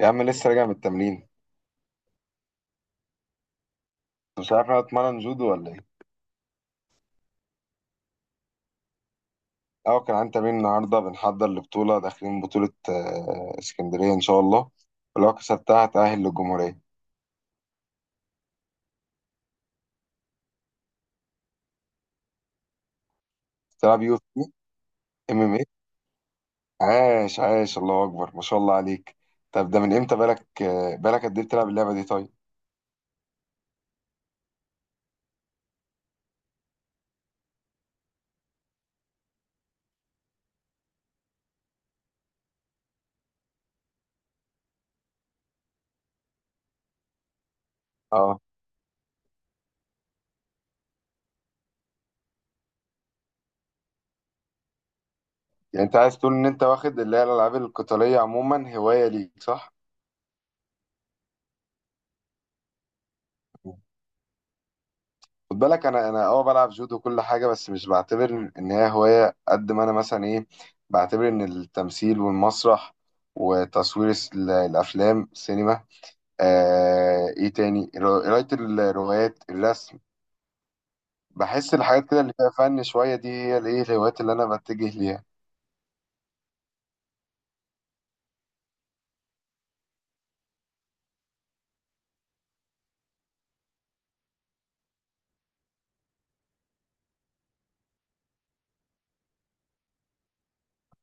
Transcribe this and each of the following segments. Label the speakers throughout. Speaker 1: يا عم لسه راجع من التمرين انت. مش عارف انا اتمرن جودو ولا ايه. اه كان عندي تمرين النهارده، بنحضر لبطوله، داخلين بطوله اسكندريه ان شاء الله. ولو كسبتها هتأهل للجمهوريه. تلعب يو اف سي ام ام اي؟ عاش عاش، الله اكبر، ما شاء الله عليك. طب ده من امتى، بالك قد ايه بتلعب اللعبه دي؟ طيب، اه. يعني انت عايز تقول ان انت واخد اللي هي الالعاب القتاليه عموما هوايه ليك، صح؟ خد بالك، انا اه بلعب جودو كل حاجه، بس مش بعتبر ان هي هوايه قد ما انا مثلا ايه، بعتبر ان التمثيل والمسرح وتصوير الافلام، سينما، آه ايه تاني، قرايه الروايات، الرسم. بحس الحاجات كده اللي فيها فن شويه دي هي الايه، الهوايات اللي انا بتجه ليها.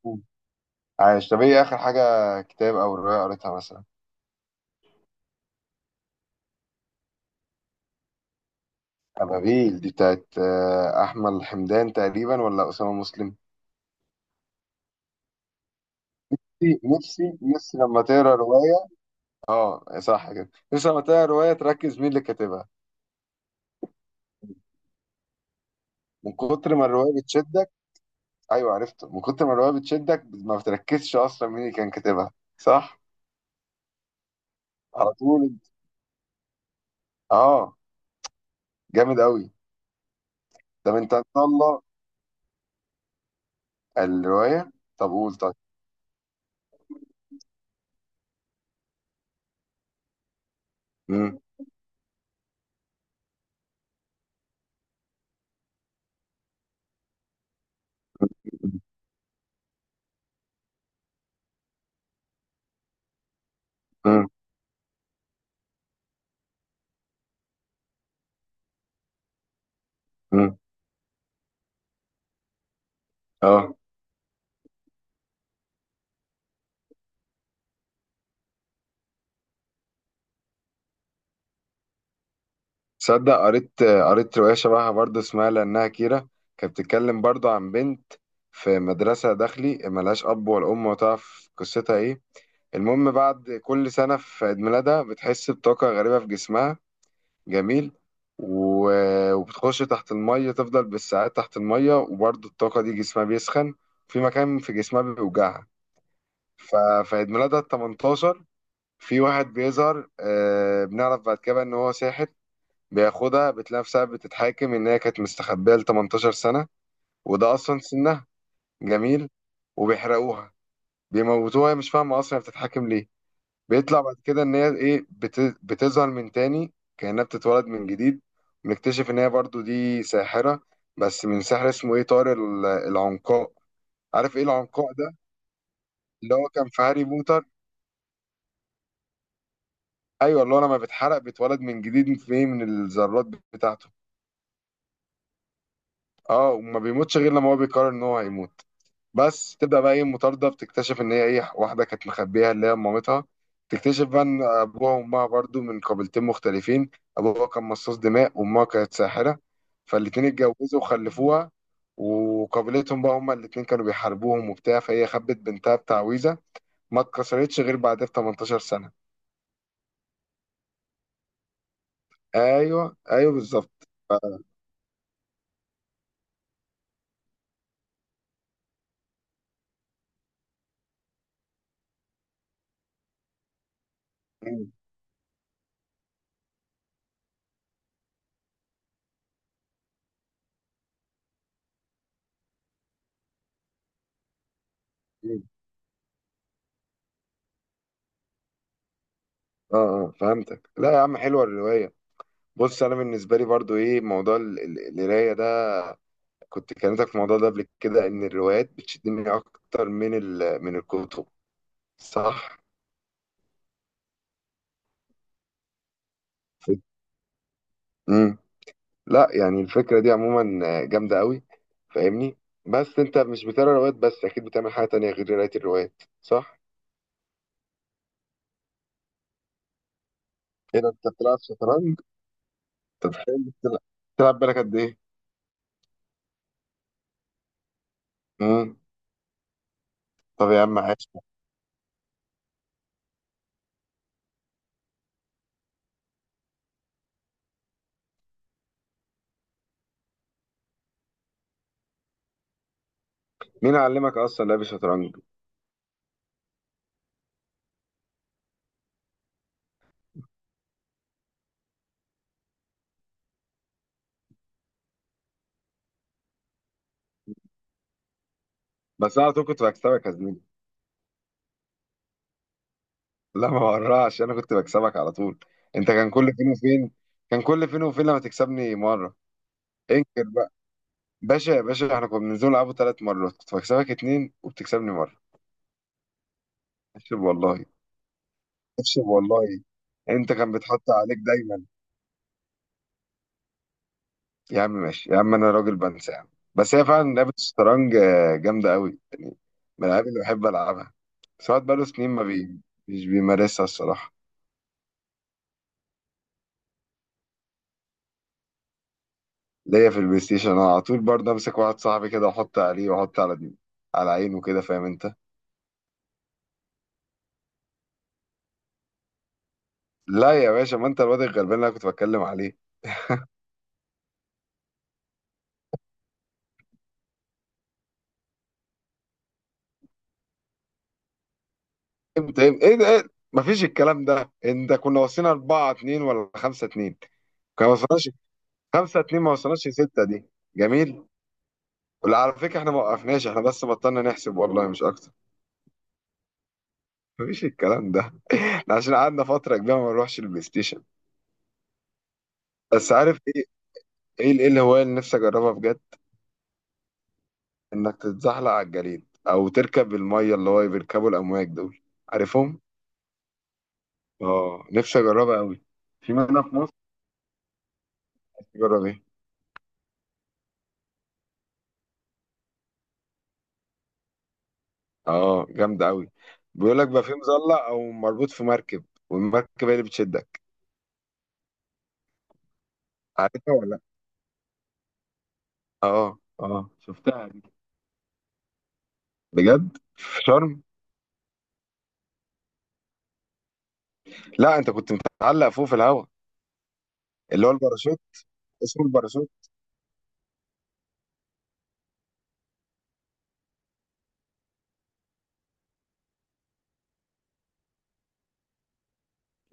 Speaker 1: مم. عايش. طب ايه اخر حاجه، كتاب او روايه قريتها مثلا؟ ابابيل دي بتاعت احمد حمدان تقريبا، ولا اسامه مسلم؟ نفسي نفسي نفسي لما تقرا روايه. اه صح كده، نفسي لما تلاقي روايه تركز مين اللي كاتبها. من كتر ما الروايه بتشدك. ايوه، عرفته. من كتر ما الروايه بتشدك ما بتركزش اصلا مين اللي كان كاتبها، صح. على طول. اه. جامد قوي. طب انت ان شاء الله الروايه. طب قول، طيب. مم. مم. مم. اه. تصدق قريت روايه شبهها برضه، اسمها لانها كيرة. كانت بتتكلم برضه عن بنت في مدرسه داخلي ملهاش اب ولا ام، وتعرف قصتها ايه. المهم بعد كل سنة في عيد ميلادها بتحس بطاقة غريبة في جسمها. جميل. و... وبتخش تحت المية، تفضل بالساعات تحت المية، وبرضه الطاقة دي جسمها بيسخن، في مكان في جسمها بيوجعها. ففي عيد ميلادها التمنتاشر في واحد بيظهر، آه بنعرف بعد كده إن هو ساحر. بياخدها، بتلاقي نفسها بتتحاكم إن هي كانت مستخبية لتمنتاشر سنة، وده أصلا سنها. جميل. وبيحرقوها، بيموتوها. هي مش فاهمة أصلا هي بتتحاكم ليه. بيطلع بعد كده ان هي ايه، بتظهر من تاني، كأنها بتتولد من جديد. ونكتشف ان هي برضو دي ساحرة، بس من سحر اسمه ايه، طار العنقاء. عارف ايه العنقاء ده؟ اللي هو كان في هاري بوتر. ايوه اللي هو لما بيتحرق بيتولد من جديد في ايه، من الذرات بتاعته. اه، وما بيموتش غير لما هو بيقرر ان هو هيموت. بس تبدا بقى ايه، المطارده. بتكتشف ان هي ايه، واحده كانت مخبيها اللي هي مامتها. تكتشف بقى ان ابوها وامها برضو من قبيلتين مختلفين. ابوها كان مصاص دماء وامها كانت ساحره، فالاتنين اتجوزوا وخلفوها. وقبيلتهم بقى هما الاتنين كانوا بيحاربوهم وبتاع، فهي خبت بنتها بتعويذه ما اتكسرتش غير بعدها ب 18 سنه. ايوه ايوه بالظبط، مم. مم. اه اه فهمتك. لا يا عم حلوه الروايه. بص انا بالنسبه لي برضو ايه، موضوع القرايه ده، كنت كلمتك في الموضوع ده قبل كده، ان الروايات بتشدني اكتر من من الكتب، صح. امم. لا يعني الفكره دي عموما جامده قوي، فاهمني. بس انت مش بتقرا روايات بس، اكيد بتعمل حاجه تانية غير قرايه الروايات، صح. كده انت بتلعب شطرنج. انت بتحب تلعب؟ تلعب بالك قد ايه؟ امم. طب يا عم عاش. مين علمك اصلا لعب الشطرنج؟ بس انا على طول كنت بكسبك يا زميلي. لا ما ورعش، انا كنت بكسبك على طول. انت كان كل فين وفين، كان كل فين وفين لما تكسبني مره. انكر بقى. باشا يا باشا، احنا كنا بننزل نلعبه 3 مرات، كنت بكسبك 2 وبتكسبني مرة. اكسب والله. اكسب والله. انت كان بيتحط عليك دايما. يا عم ماشي يا عم، انا راجل بنسى يا عم. بس هي فعلا لعبة الشطرنج جامدة قوي، من الالعاب اللي بحب العبها. بس الواحد بقاله سنين ما بي... مش بيمارسها الصراحة. ليا في البلاي ستيشن، انا على طول برضه امسك واحد صاحبي كده واحط عليه، واحط على دي على عينه كده، فاهم انت. لا يا باشا، ما انت الواد الغلبان اللي انا كنت بتكلم عليه. امتى، ايه ده؟ إيه؟ مفيش الكلام ده، انت كنا وصلنا 4-2 ولا 5-2، ما وصلناش 5-2، ما وصلناش 6 دي. جميل. ولا على فكره احنا ما وقفناش، احنا بس بطلنا نحسب والله مش اكتر. مفيش الكلام ده، احنا عشان قعدنا فتره كبيره ما نروحش البلاي ستيشن. بس عارف ايه، ايه الهوايه اللي نفسي اجربها بجد؟ انك تتزحلق على الجليد، او تركب الميه اللي هو بيركبوا الامواج دول، عارفهم. اه نفسي اجربها قوي. في منها في مصر؟ نفسي اجرب إيه؟ اه جامدة أوي. بيقول لك بقى في مظلة، أو مربوط في مركب والمركب هي اللي بتشدك. عارفها ولا لأ؟ اه اه شفتها دي. بجد في شرم. لا أنت كنت متعلق فوق في الهوا، اللي هو الباراشوت. اسمه الباراشوت.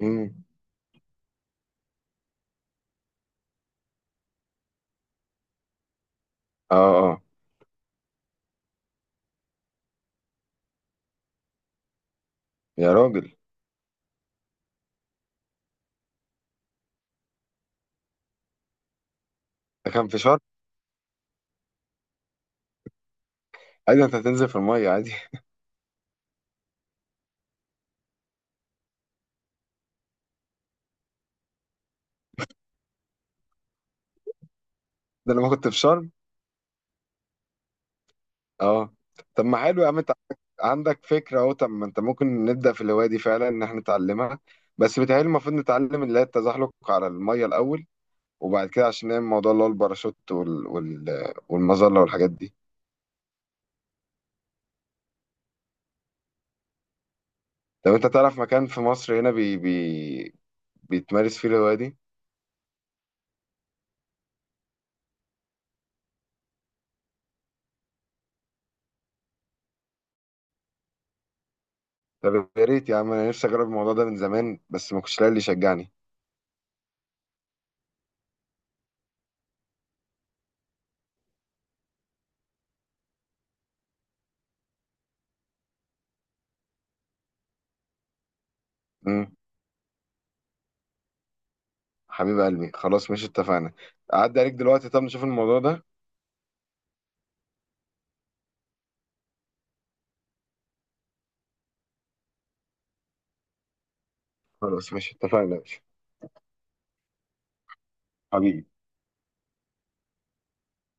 Speaker 1: امم. اه اه. يا راجل. ده كان في شرم. عادي أنت هتنزل في المية عادي. ده لما كنت في شرم. اه. طب ما حلو يا عم، أنت عندك، عندك فكرة أهو. طب ما أنت ممكن نبدأ في الهواية دي فعلا، إن إحنا نتعلمها. بس بيتهيألي المفروض نتعلم اللي هي التزحلق على المية الأول، وبعد كده عشان نعمل موضوع اللي هو الباراشوت والمظلة والحاجات دي. لو انت تعرف مكان في مصر هنا بيتمارس فيه الهواية دي. طب يا ريت يا عم، انا نفسي اجرب الموضوع ده من زمان بس ما كنتش لاقي اللي يشجعني. امم. حبيب قلبي، خلاص ماشي، اتفقنا. اعدي عليك دلوقتي طب، نشوف الموضوع ده. خلاص ماشي اتفقنا يا باشا. حبيبي.